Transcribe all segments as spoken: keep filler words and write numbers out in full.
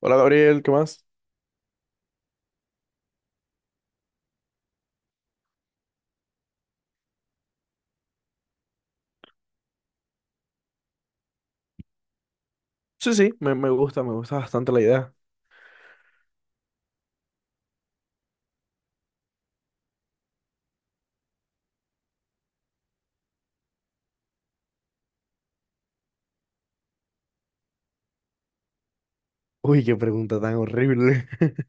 Hola Gabriel, ¿qué más? Sí, sí, me, me gusta, me gusta bastante la idea. Uy, qué pregunta tan horrible.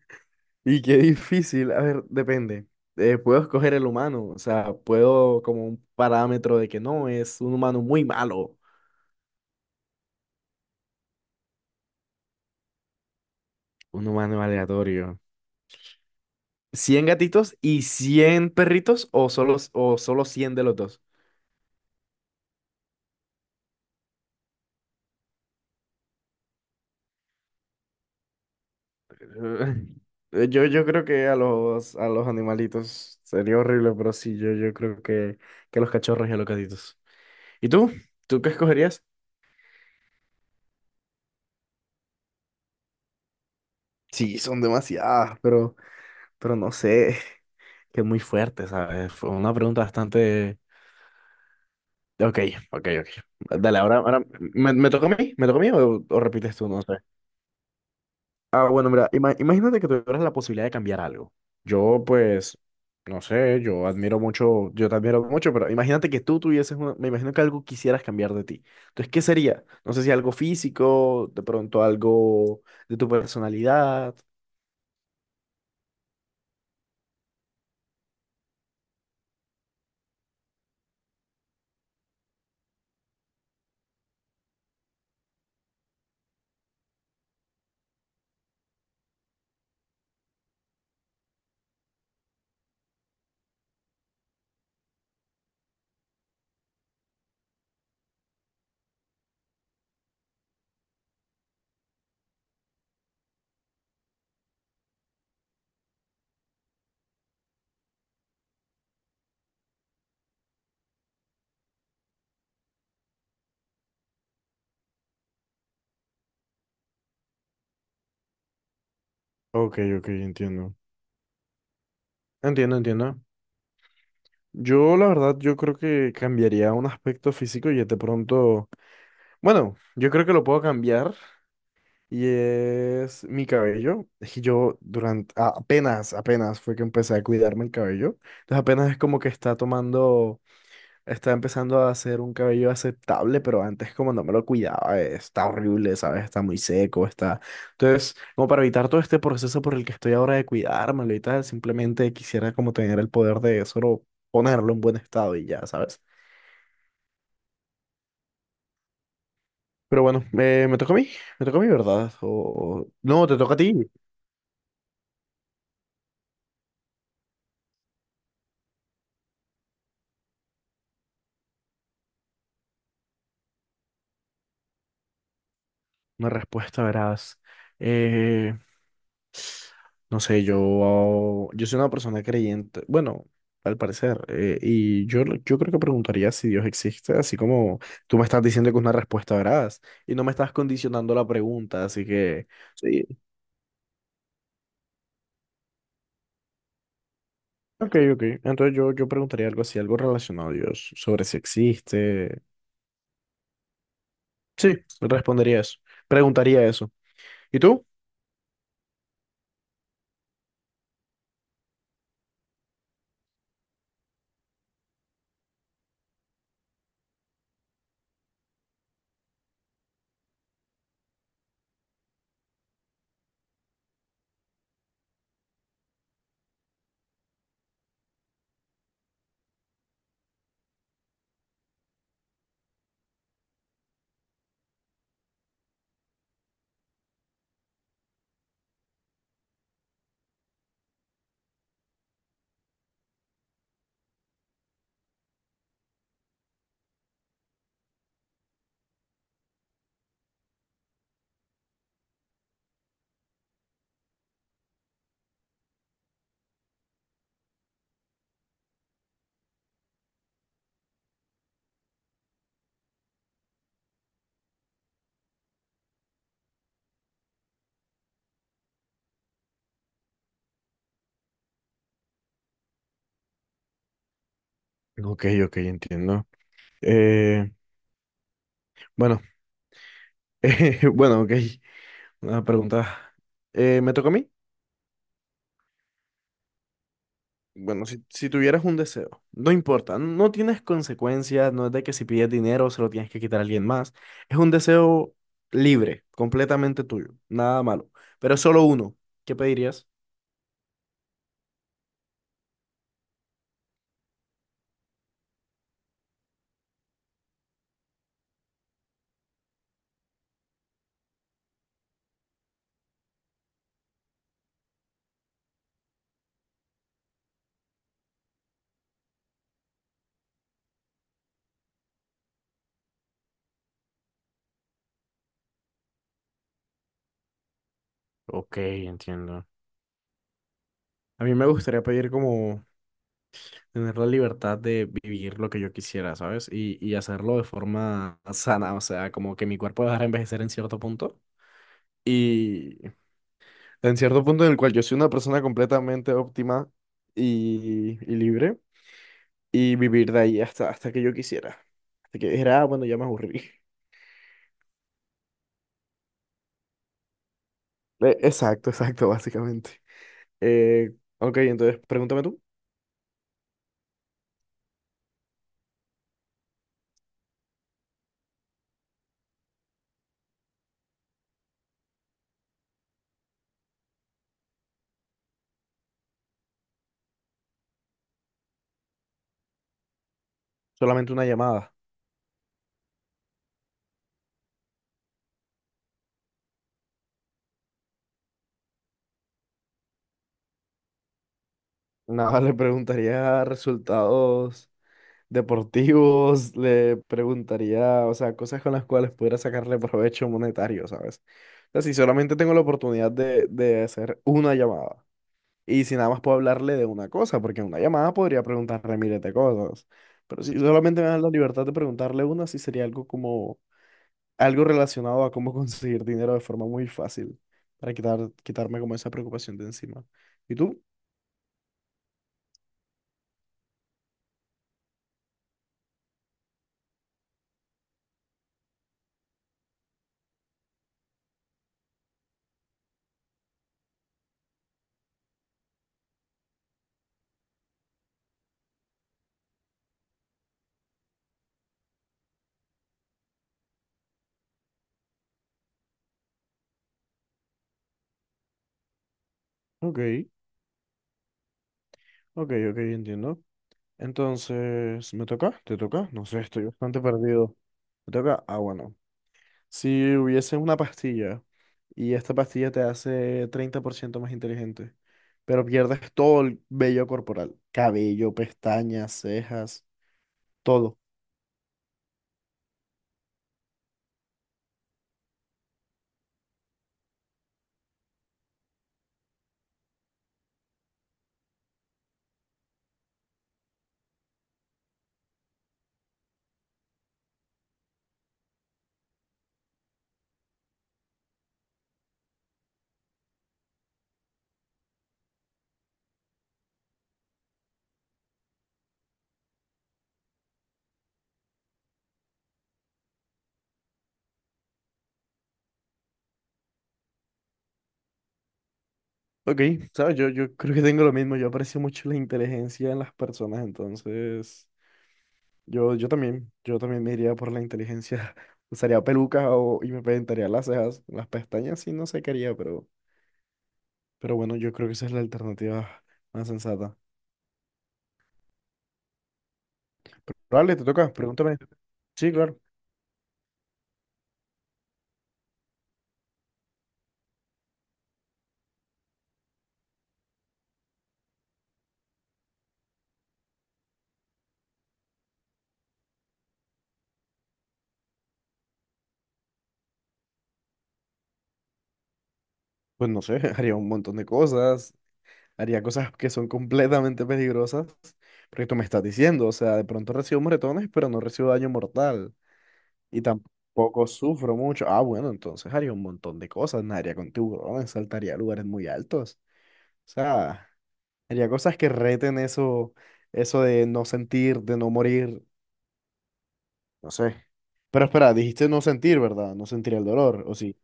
Y qué difícil. A ver, depende. Eh, puedo escoger el humano, o sea, puedo como un parámetro de que no, es un humano muy malo. Un humano aleatorio. ¿Cien gatitos y cien perritos o solo, o solo, cien de los dos? Eh, Yo, yo creo que a los, a los, animalitos sería horrible, pero sí, yo, yo creo que, que a los cachorros y a los gatitos. ¿Y tú? ¿Tú qué escogerías? Sí, son demasiadas, pero, pero, no sé, que es muy fuerte, ¿sabes? Fue una pregunta bastante... Ok, ok, ok. Dale, ahora, ahora ¿me, me toca a mí? ¿Me toca a mí o, o repites tú? No sé. Ah, bueno, mira, ima- imagínate que tuvieras la posibilidad de cambiar algo. Yo, pues, no sé, yo admiro mucho, yo te admiro mucho, pero imagínate que tú tuvieses una, me imagino que algo quisieras cambiar de ti. Entonces, ¿qué sería? No sé si algo físico, de pronto algo de tu personalidad. Ok, ok, entiendo. Entiendo, entiendo. Yo, la verdad, yo creo que cambiaría un aspecto físico y de pronto, bueno, yo creo que lo puedo cambiar. Y es mi cabello. Es que yo durante, a- apenas, apenas fue que empecé a cuidarme el cabello. Entonces apenas es como que está tomando, está empezando a hacer un cabello aceptable, pero antes como no me lo cuidaba, eh, está horrible, ¿sabes? Está muy seco, está... Entonces, como para evitar todo este proceso por el que estoy ahora de cuidármelo y tal, simplemente quisiera como tener el poder de solo ponerlo en buen estado y ya, ¿sabes? Pero bueno, eh, me toca a mí, me toca a mí, ¿verdad? O... o- No, te toca a ti. Una respuesta, verás. Eh, no sé, yo, yo soy una persona creyente, bueno, al parecer, eh, y yo, yo creo que preguntaría si Dios existe, así como tú me estás diciendo que es una respuesta, veraz y no me estás condicionando la pregunta, así que... Sí. Ok, ok. Entonces yo, yo preguntaría algo así, algo relacionado a Dios, sobre si existe. Sí, respondería eso. Preguntaría eso. ¿Y tú? Ok, ok, entiendo. Eh, bueno, eh, bueno, ok. Una pregunta. Eh, ¿me toca a mí? Bueno, si, si tuvieras un deseo, no importa, no tienes consecuencias, no es de que si pides dinero se lo tienes que quitar a alguien más. Es un deseo libre, completamente tuyo, nada malo, pero solo uno. ¿Qué pedirías? Ok, entiendo. A mí me gustaría pedir como tener la libertad de vivir lo que yo quisiera, ¿sabes? Y, y hacerlo de forma sana, o sea, como que mi cuerpo dejara envejecer en cierto punto. Y en cierto punto en el cual yo soy una persona completamente óptima y, y, libre y vivir de ahí hasta, hasta que yo quisiera. Hasta que dijera, "Ah, bueno, ya me aburrí." Eh, Exacto, exacto, básicamente. Eh, ok, entonces pregúntame tú. Solamente una llamada. Nada, le preguntaría resultados deportivos, le preguntaría, o sea, cosas con las cuales pudiera sacarle provecho monetario, ¿sabes? O sea, si solamente tengo la oportunidad de, de hacer una llamada. Y si nada más puedo hablarle de una cosa, porque en una llamada podría preguntarle miles de cosas. Pero si solamente me dan la libertad de preguntarle una, sí sería algo como, algo relacionado a cómo conseguir dinero de forma muy fácil, para quitar, quitarme como esa preocupación de encima. ¿Y tú? Ok, ok, ok, entiendo. Entonces, ¿me toca? ¿Te toca? No sé, estoy bastante perdido. ¿Me toca? Ah, bueno. Si hubiese una pastilla y esta pastilla te hace treinta por ciento más inteligente, pero pierdes todo el vello corporal, cabello, pestañas, cejas, todo. Ok, ¿sabes? Yo, yo creo que tengo lo mismo. Yo aprecio mucho la inteligencia en las personas, entonces yo, yo también, yo también me iría por la inteligencia. Usaría pelucas o- y me pintaría las cejas. Las pestañas sí no sé qué haría, pero, pero, bueno, yo creo que esa es la alternativa más sensata. Pero, vale, te toca, pregúntame. Sí, claro. Pues no sé, haría un montón de cosas, haría cosas que son completamente peligrosas, porque tú me estás diciendo, o sea, de pronto recibo moretones, pero no recibo daño mortal y tampoco sufro mucho. Ah, bueno, entonces haría un montón de cosas, nadaría con tiburones, saltaría a lugares muy altos, o sea, haría cosas que reten eso, eso de no sentir, de no morir, no sé. Pero espera, dijiste no sentir, ¿verdad? No sentir el dolor, ¿o sí?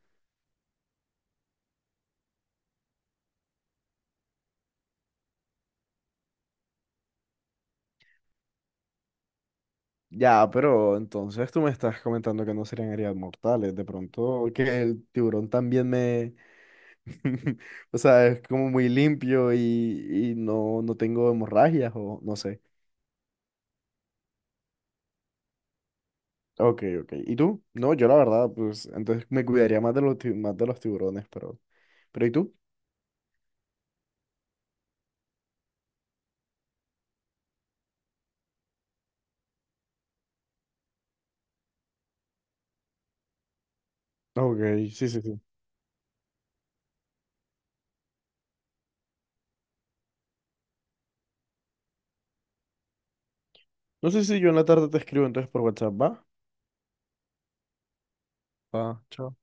Ya, pero entonces tú me estás comentando que no serían heridas mortales. De pronto que el tiburón también me... O sea, es como muy limpio y, y no, no tengo hemorragias o no sé. Ok, ok. ¿Y tú? No, yo la verdad, pues entonces me cuidaría más de los, ti- más de los tiburones, pero... ¿Pero y tú? Ok, sí, sí, sí. No sé si yo en la tarde te escribo entonces por WhatsApp, ¿va? Va, chao.